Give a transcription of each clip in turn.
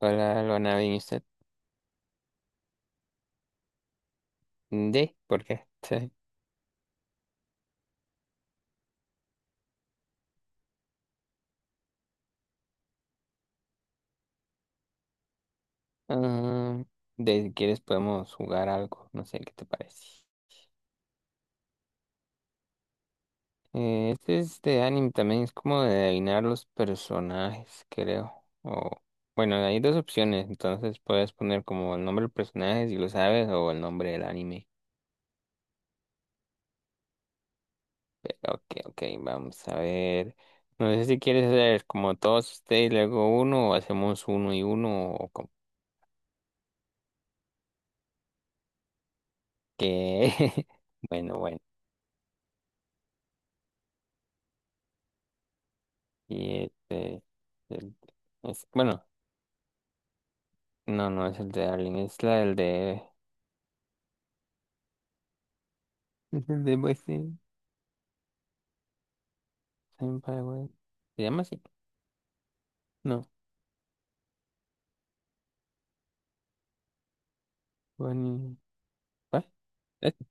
Hola, Luana, ¿bien usted? ¿De? ¿Por qué? Sí. Ah, de si quieres podemos jugar algo, no sé qué te parece. Este es de anime también, es como de adivinar los personajes, creo. O, bueno, hay dos opciones, entonces puedes poner como el nombre del personaje si lo sabes o el nombre del anime. Ok, ok, vamos a ver. No sé si quieres hacer como todos ustedes, luego uno, o hacemos uno y uno, o como que... Bueno, bueno. Y este, el- es, bueno, no, no es el de Darling, es la del de, es el de Senpai, güey. ¿Se llama así? No, Bonnie, ¿cuál? Este,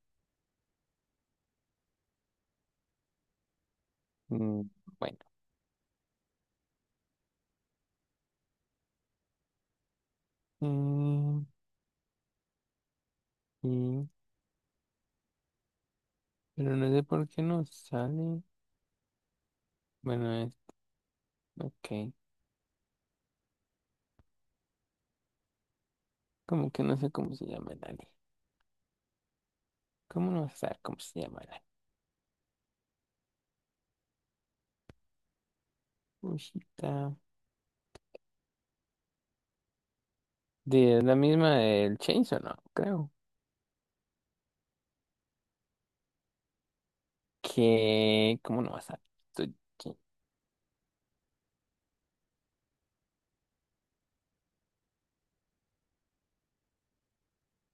mm, bueno. Mm, y- pero no sé por qué no sale. Bueno, es, ok, como que no sé cómo se llama el anime. ¿Cómo no vas a saber cómo se llama el anime? Ushita. De es la misma del Chainsaw, no, creo. Que, ¿cómo no vas a saber? Estoy-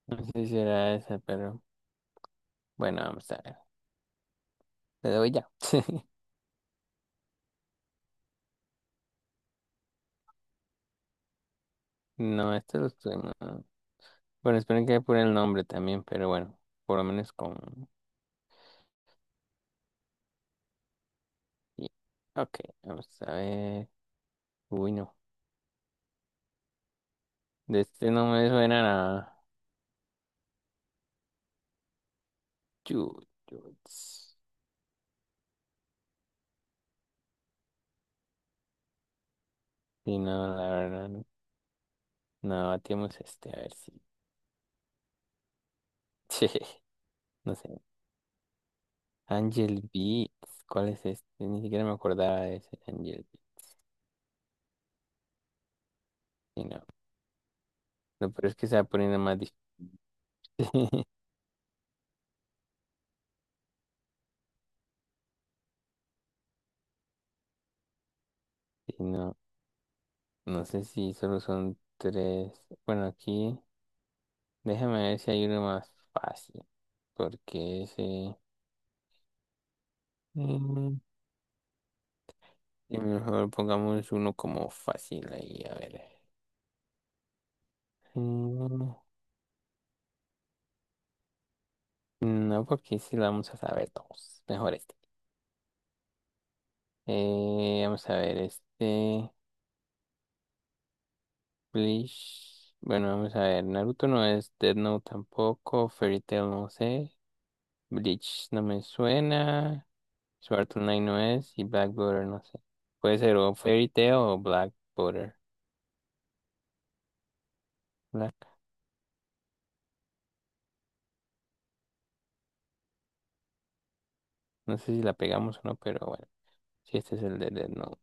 No sé si será esa, pero. Bueno, vamos a ver. Le doy ya. No, esto lo estoy. No. Bueno, espero que apure el nombre también, pero bueno, por lo menos con. y- Ok, vamos a ver. Uy, no. De este no me suena nada. Yuts. Sí, no, la verdad. No, no, bateamos este, a ver si. No sé. Angel Beats. ¿Cuál es este? Ni siquiera me acordaba de ese Angel Beats. Sí, no. Lo peor es que se va poniendo más difícil. Sí, no. No sé si solo son tres. Bueno, aquí déjame ver si hay uno más fácil. Porque ese... Mm, mejor pongamos uno como fácil ahí, a ver. Mm, no, porque si lo vamos a saber todos. Mejor este. Vamos a ver este... Bleach. Bueno, vamos a ver. Naruto no es, Death Note tampoco. Fairy Tail no sé. Bleach no me suena. Sword Knight no es y Black Border no sé. Puede ser o Fairy Tail o Black Border. Black. No sé si la pegamos o no, pero bueno. Si este es el de Death Note.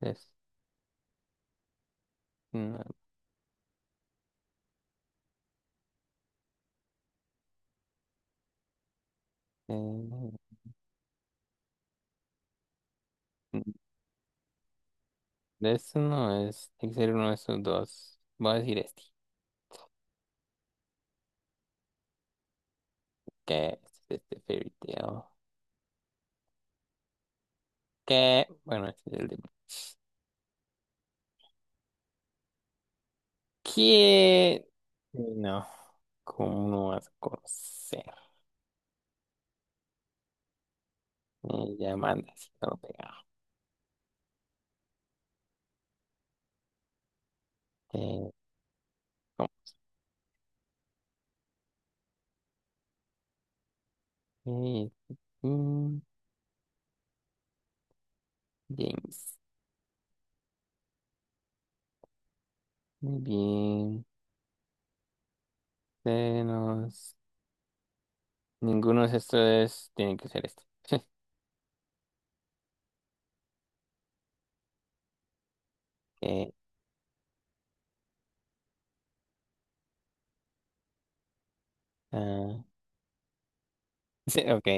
Es- no, eh, de esto no es. Tiene que ser uno de estos dos. Voy a decir este. Que este es este Fairy Tail. Que bueno, este es el de. ¿Qué? Sí, no. ¿Cómo no vas a conocer? Ya manda si no lo pega. Eh, ¿Cómo? Eh, mm, James. Muy bien. Tenemos... Ninguno de estos tiene que ser este. Eh, ah, sí, ok,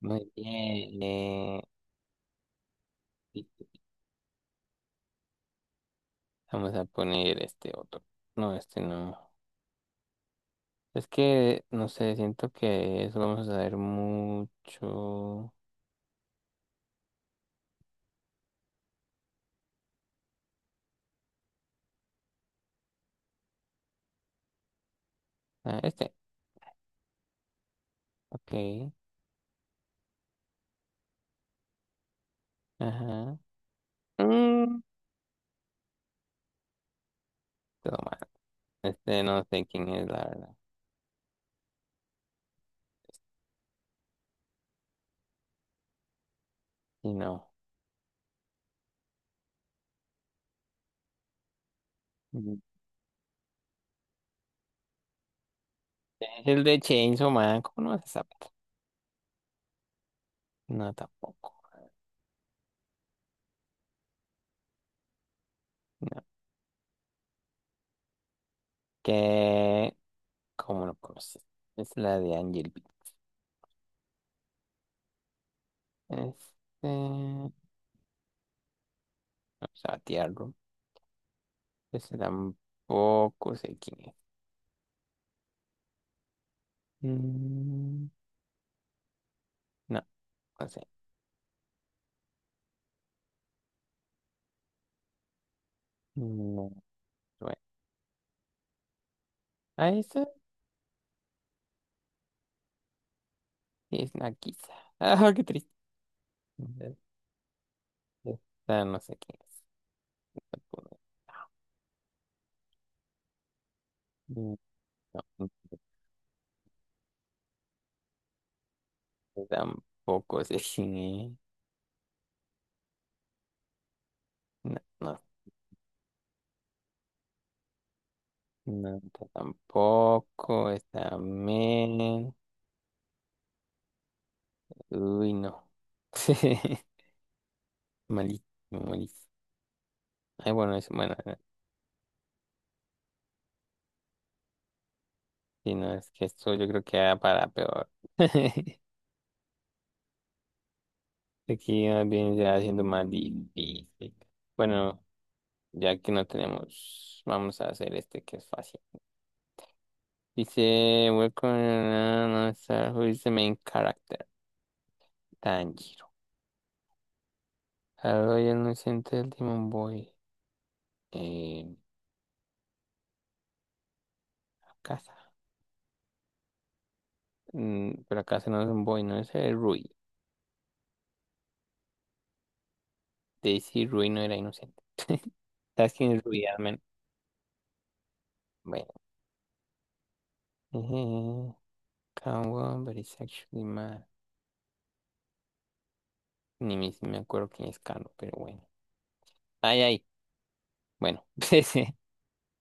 muy bien. Y vamos a poner este otro. No, este no. Es que, no sé, siento que eso vamos a ver mucho. Ah, este, ok. Ajá. Mm, todo mal. Este no sé quién es, la verdad. Y no. Mm. Es el de Chainsaw Man, ¿cómo no vas a saber? No, tampoco. No. ¿Qué? ¿Cómo lo conoces? Es la de Angel Beats. Este, vamos a batearlo. Ese tampoco sé quién es. Mm, no, no sé. No, bueno. Ah, esa es Nakisa. Ah, qué triste. Esta no sé quién es. Tampoco. Mm, no, esta tampoco sé quién es. No, no, no, esta tampoco. Esta men. Uy, no. Malísimo, malísimo. Ay, bueno, es, bueno, si no es que esto yo creo que va para peor. Aquí más bien ya haciendo más difícil. Bueno, ya que no tenemos, vamos a hacer este que es fácil. Dice, welcome to star who is the main character? Tanjiro. Hello, you're an innocent demon boy. Eh, casa. Mm, pero casa no es un boy, no es el Rui. Daisy Rui no era inocente. ¿Sabes quién es Rui, al bueno. Kawan, but it's actually mad. Ni me acuerdo quién es Carlos, pero bueno. Ay, ay. Bueno, ese.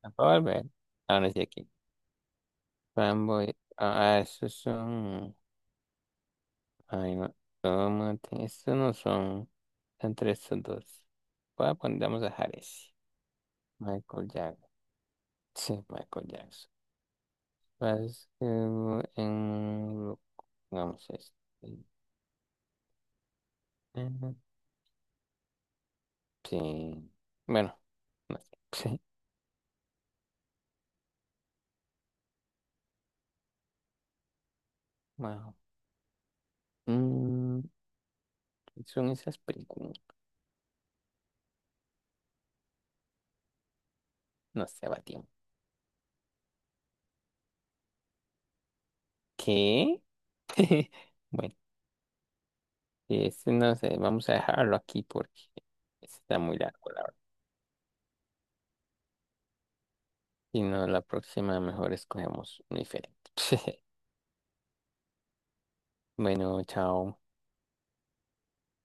La puedo volver. Ahora sí aquí. Fanboy. Ah, ah, esos son. Ay, no. Tómate. Estos no son. Son tres, son dos. Voy a poner, vamos a dejar ese. Michael Jackson. Sí, Michael Jackson. Basketball en. Vamos a este. Ujú. Sí. Bueno, no sé. Sí. Wow. Mm, son esas películas. No se va tiempo. ¿Qué? Bueno, este no sé, vamos a dejarlo aquí porque está muy largo, la verdad. Si no, la próxima mejor escogemos un diferente. Bueno, chao.